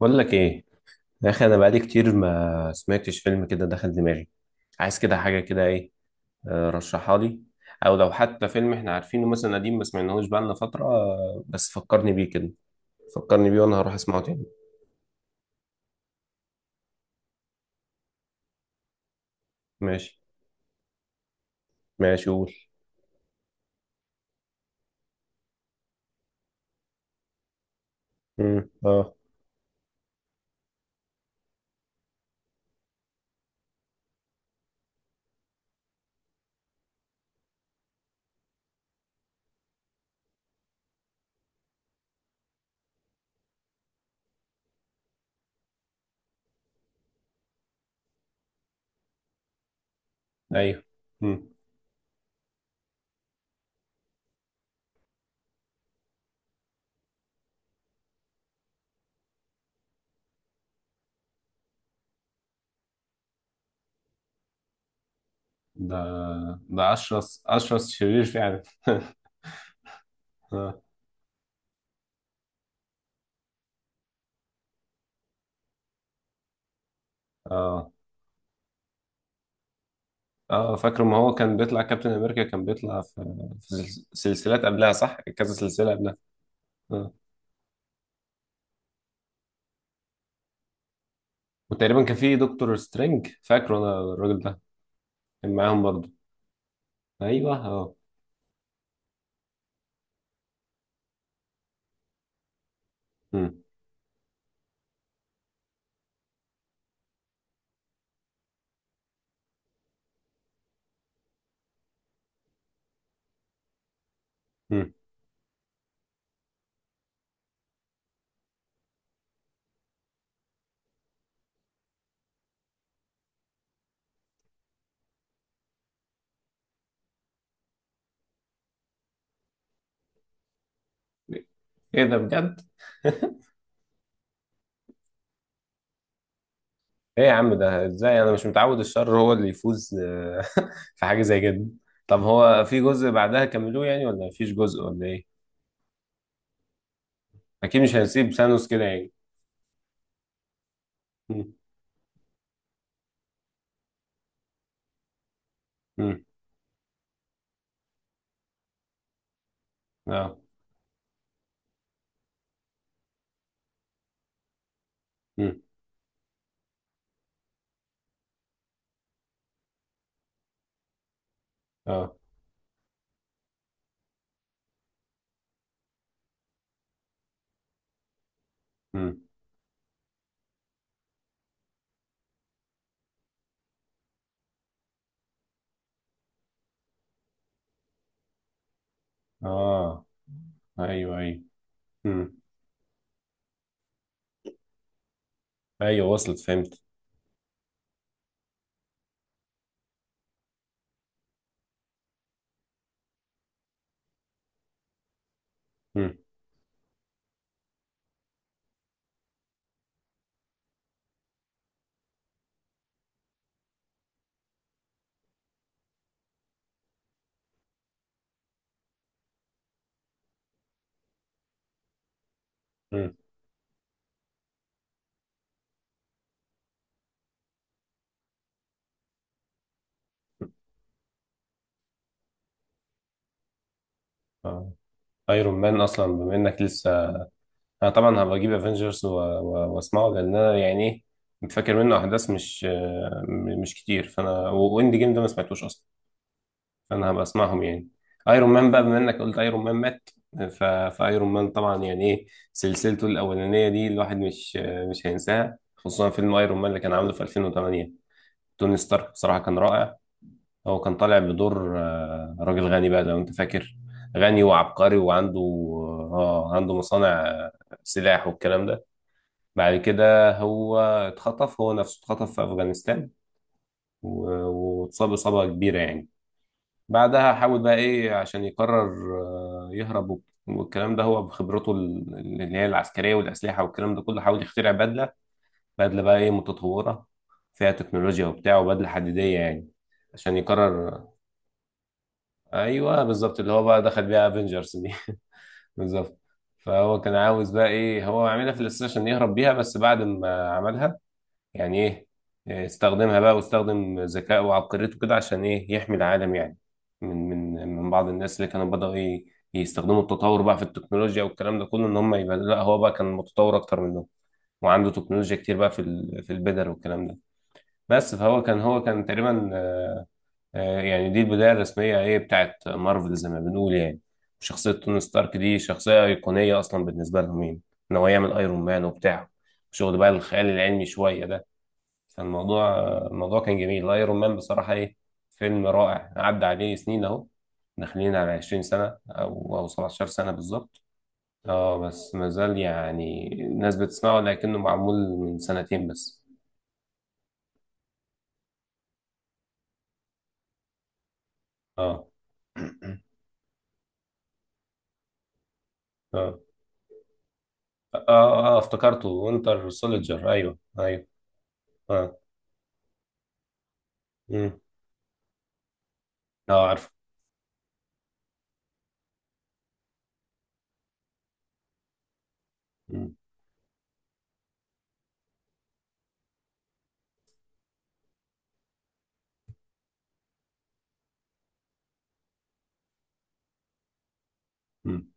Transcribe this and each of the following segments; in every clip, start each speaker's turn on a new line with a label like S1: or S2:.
S1: بقول لك ايه؟ يا اخي انا بقالي كتير ما سمعتش فيلم كده دخل دماغي. عايز كده حاجه كده ايه. رشحها لي. او لو حتى فيلم احنا عارفينه مثلا قديم ما سمعناهوش بقالنا فتره، بس فكرني بيه كده. فكرني بيه وانا هروح اسمعه تاني. ماشي. ماشي، قول. اه. ايوه. امم ده ده اشرس شرير فعلا. اه. اه. اه، فاكر، ما هو كان بيطلع كابتن امريكا، كان بيطلع في سلسلات قبلها، صح، كذا سلسله قبلها. اه. وتقريبا كان في دكتور سترينج، فاكره انا الراجل ده، كان معاهم برضه. ايوه اه. مم. مم. ايه ده بجد؟ ايه يا عم، ده ازاي؟ انا مش متعود الشر هو اللي يفوز. في حاجه زي كده؟ طب هو في جزء بعدها كملوه يعني ولا مفيش جزء ولا ايه؟ اكيد مش هنسيب سانوس كده يعني. مم. مم. اه. مم. اه. مم. اه. ايوه ايوه. مم. ايوه وصلت، فهمت. مم. مم. اه. ايرون مان اصلا بما انك لسه، انا طبعا هبقى اجيب افنجرز واسمعه، لان انا يعني فاكر منه احداث مش آه، م- مش كتير، فانا واند جيم ده ما سمعتوش اصلا. فانا هبقى اسمعهم يعني. ايرون مان بقى بما انك قلت ايرون مان مات. ف... فايرون مان طبعا يعني ايه، سلسلته الاولانيه دي، الواحد مش هينساها، خصوصا فيلم ايرون مان اللي كان عامله في 2008. توني ستارك بصراحه كان رائع. هو كان طالع بدور راجل غني بقى لو انت فاكر. غني وعبقري وعنده، اه، عنده مصانع سلاح والكلام ده. بعد كده هو اتخطف، هو نفسه اتخطف في أفغانستان. و- واتصاب إصابة كبيرة يعني. بعدها حاول بقى إيه عشان يقرر يهرب والكلام ده. هو بخبرته اللي هي العسكرية والأسلحة والكلام ده كله، حاول يخترع بدلة. بدلة بقى إيه، متطورة، فيها تكنولوجيا وبتاع، وبدلة حديدية يعني. عشان يقرر. أيوه بالظبط، اللي هو بقى دخل بيها افنجرز دي. بالظبط. فهو كان عاوز بقى إيه، هو عاملها في الأساس عشان يهرب بيها، بس بعد ما عملها يعني ايه، استخدمها بقى واستخدم ذكائه وعبقريته كده عشان ايه يحمي العالم يعني. من بعض الناس اللي كانوا بدأوا يستخدموا التطور بقى في التكنولوجيا والكلام ده كله، ان هم يبقى، لا هو بقى كان متطور اكتر منهم، وعنده تكنولوجيا كتير بقى في في البدر والكلام ده. بس فهو كان، هو كان تقريبا يعني دي البداية الرسمية ايه بتاعت مارفل زي ما بنقول يعني. شخصية توني ستارك دي شخصية أيقونية أصلا بالنسبة لهم يعني. إن هو يعمل أيرون مان وبتاع، شغل بقى الخيال العلمي شوية ده. فالموضوع، الموضوع كان جميل. ايرون مان بصراحة ايه، فيلم رائع. عدى عليه سنين اهو، داخلين على 20 سنة او او 17 سنة بالظبط. اه بس ما زال يعني الناس بتسمعه، لكنه معمول من سنتين بس. اه. اه. افتكرته وينتر سولجر، ايوه ايوه. اه. مم. اه عارفه. مم. مم.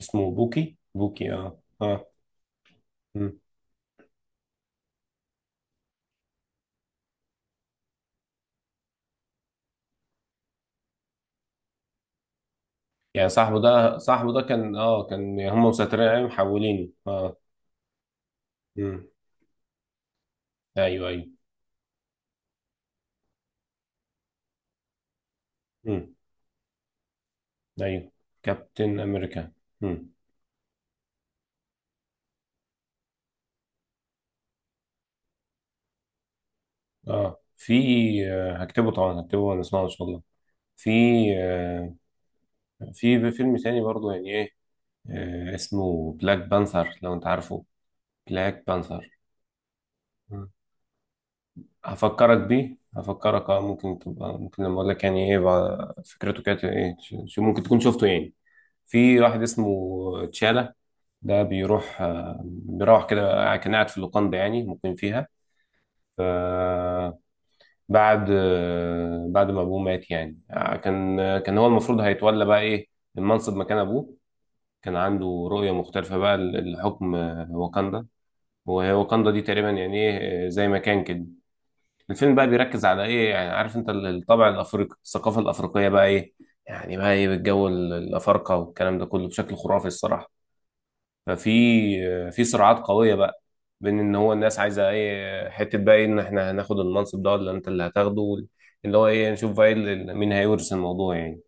S1: اسمه بوكي، بوكي، اه اه. مم. يعني صاحبه ده، صاحبه ده كان، اه كان هم مسيطرين عليه، محولينه، اه. مم. ايوه ايوه. مم. ايوه. كابتن امريكا. امم اه. في هكتبه طبعا، هكتبه ونسمعه ان شاء الله. في آه، في فيلم تاني برضو يعني ايه، اسمه بلاك بانثر لو انت عارفه. بلاك بانثر. مم. هفكرك بيه، هفكرك، اه، ممكن تبقى، ممكن لما اقول لك يعني ايه بقى فكرته كانت ايه، شو، ممكن تكون شفته يعني. في واحد اسمه تشالا. ده بيروح بيروح كده، كان قاعد في اللوكاندا يعني، مقيم فيها. بعد بعد ما ابوه مات يعني، كان هو المفروض هيتولى بقى ايه المنصب مكان ابوه. كان عنده رؤية مختلفة بقى لحكم واكاندا. وهي واكاندا دي تقريبا يعني ايه، زي ما كان كده. الفيلم بقى بيركز على ايه يعني، عارف انت الطابع الافريقي، الثقافة الافريقية بقى ايه يعني، بقى ايه بالجو الافارقة والكلام ده كله، بشكل خرافي الصراحة. في صراعات قوية بقى بين ان هو الناس عايزة ايه، حتة بقى ايه ان احنا هناخد المنصب ده ولا انت اللي هتاخده، اللي هو ايه، نشوف بقى إيه مين هيورث الموضوع يعني.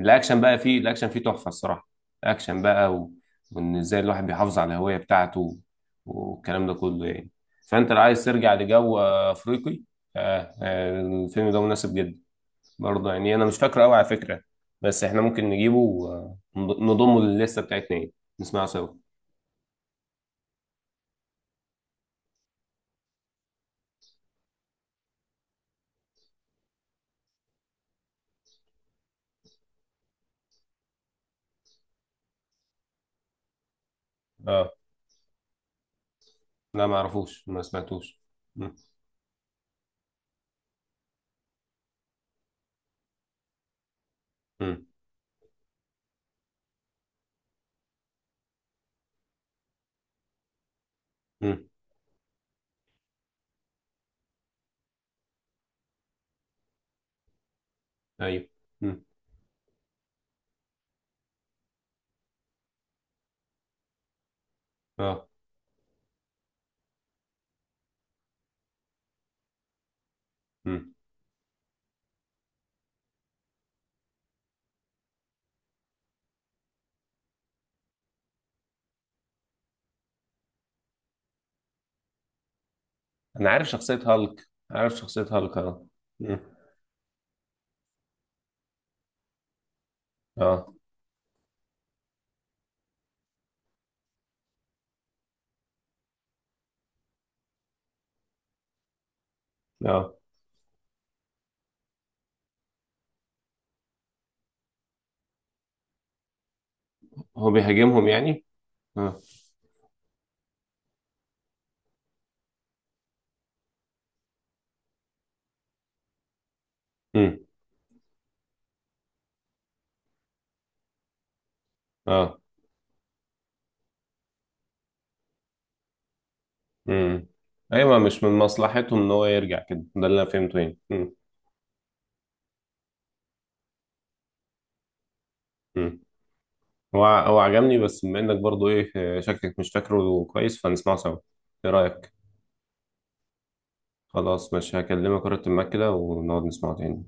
S1: الاكشن بقى، فيه الاكشن فيه تحفة الصراحة. اكشن بقى وان ازاي الواحد بيحافظ على الهوية بتاعته والكلام ده كله يعني. فانت لو عايز ترجع لجو افريقي، الفيلم ده مناسب جدا. برضه يعني انا مش فاكره قوي على فكرة، بس احنا ممكن نجيبه ونضمه للستة بتاعتنا يعني، نسمعه سوا. اه لا، ما اعرفوش، ما سمعتوش. مم. مم. مم. ايوه. مم. اه. مم. انا عارف شخصية هالك، عارف شخصية هالك، اه. مم. اه اه. هو بيهاجمهم يعني؟ اه. مم. اه. مم. ايوه مش من مصلحتهم ان هو يرجع كده، ده اللي انا فهمته يعني. مم. مم. هو هو عجبني، بس بما انك برضو ايه شكلك مش فاكره كويس، فنسمعه سوا، ايه رأيك؟ خلاص ماشي، هكلمك ورقة المكتب كده ونقعد نسمعه تاني.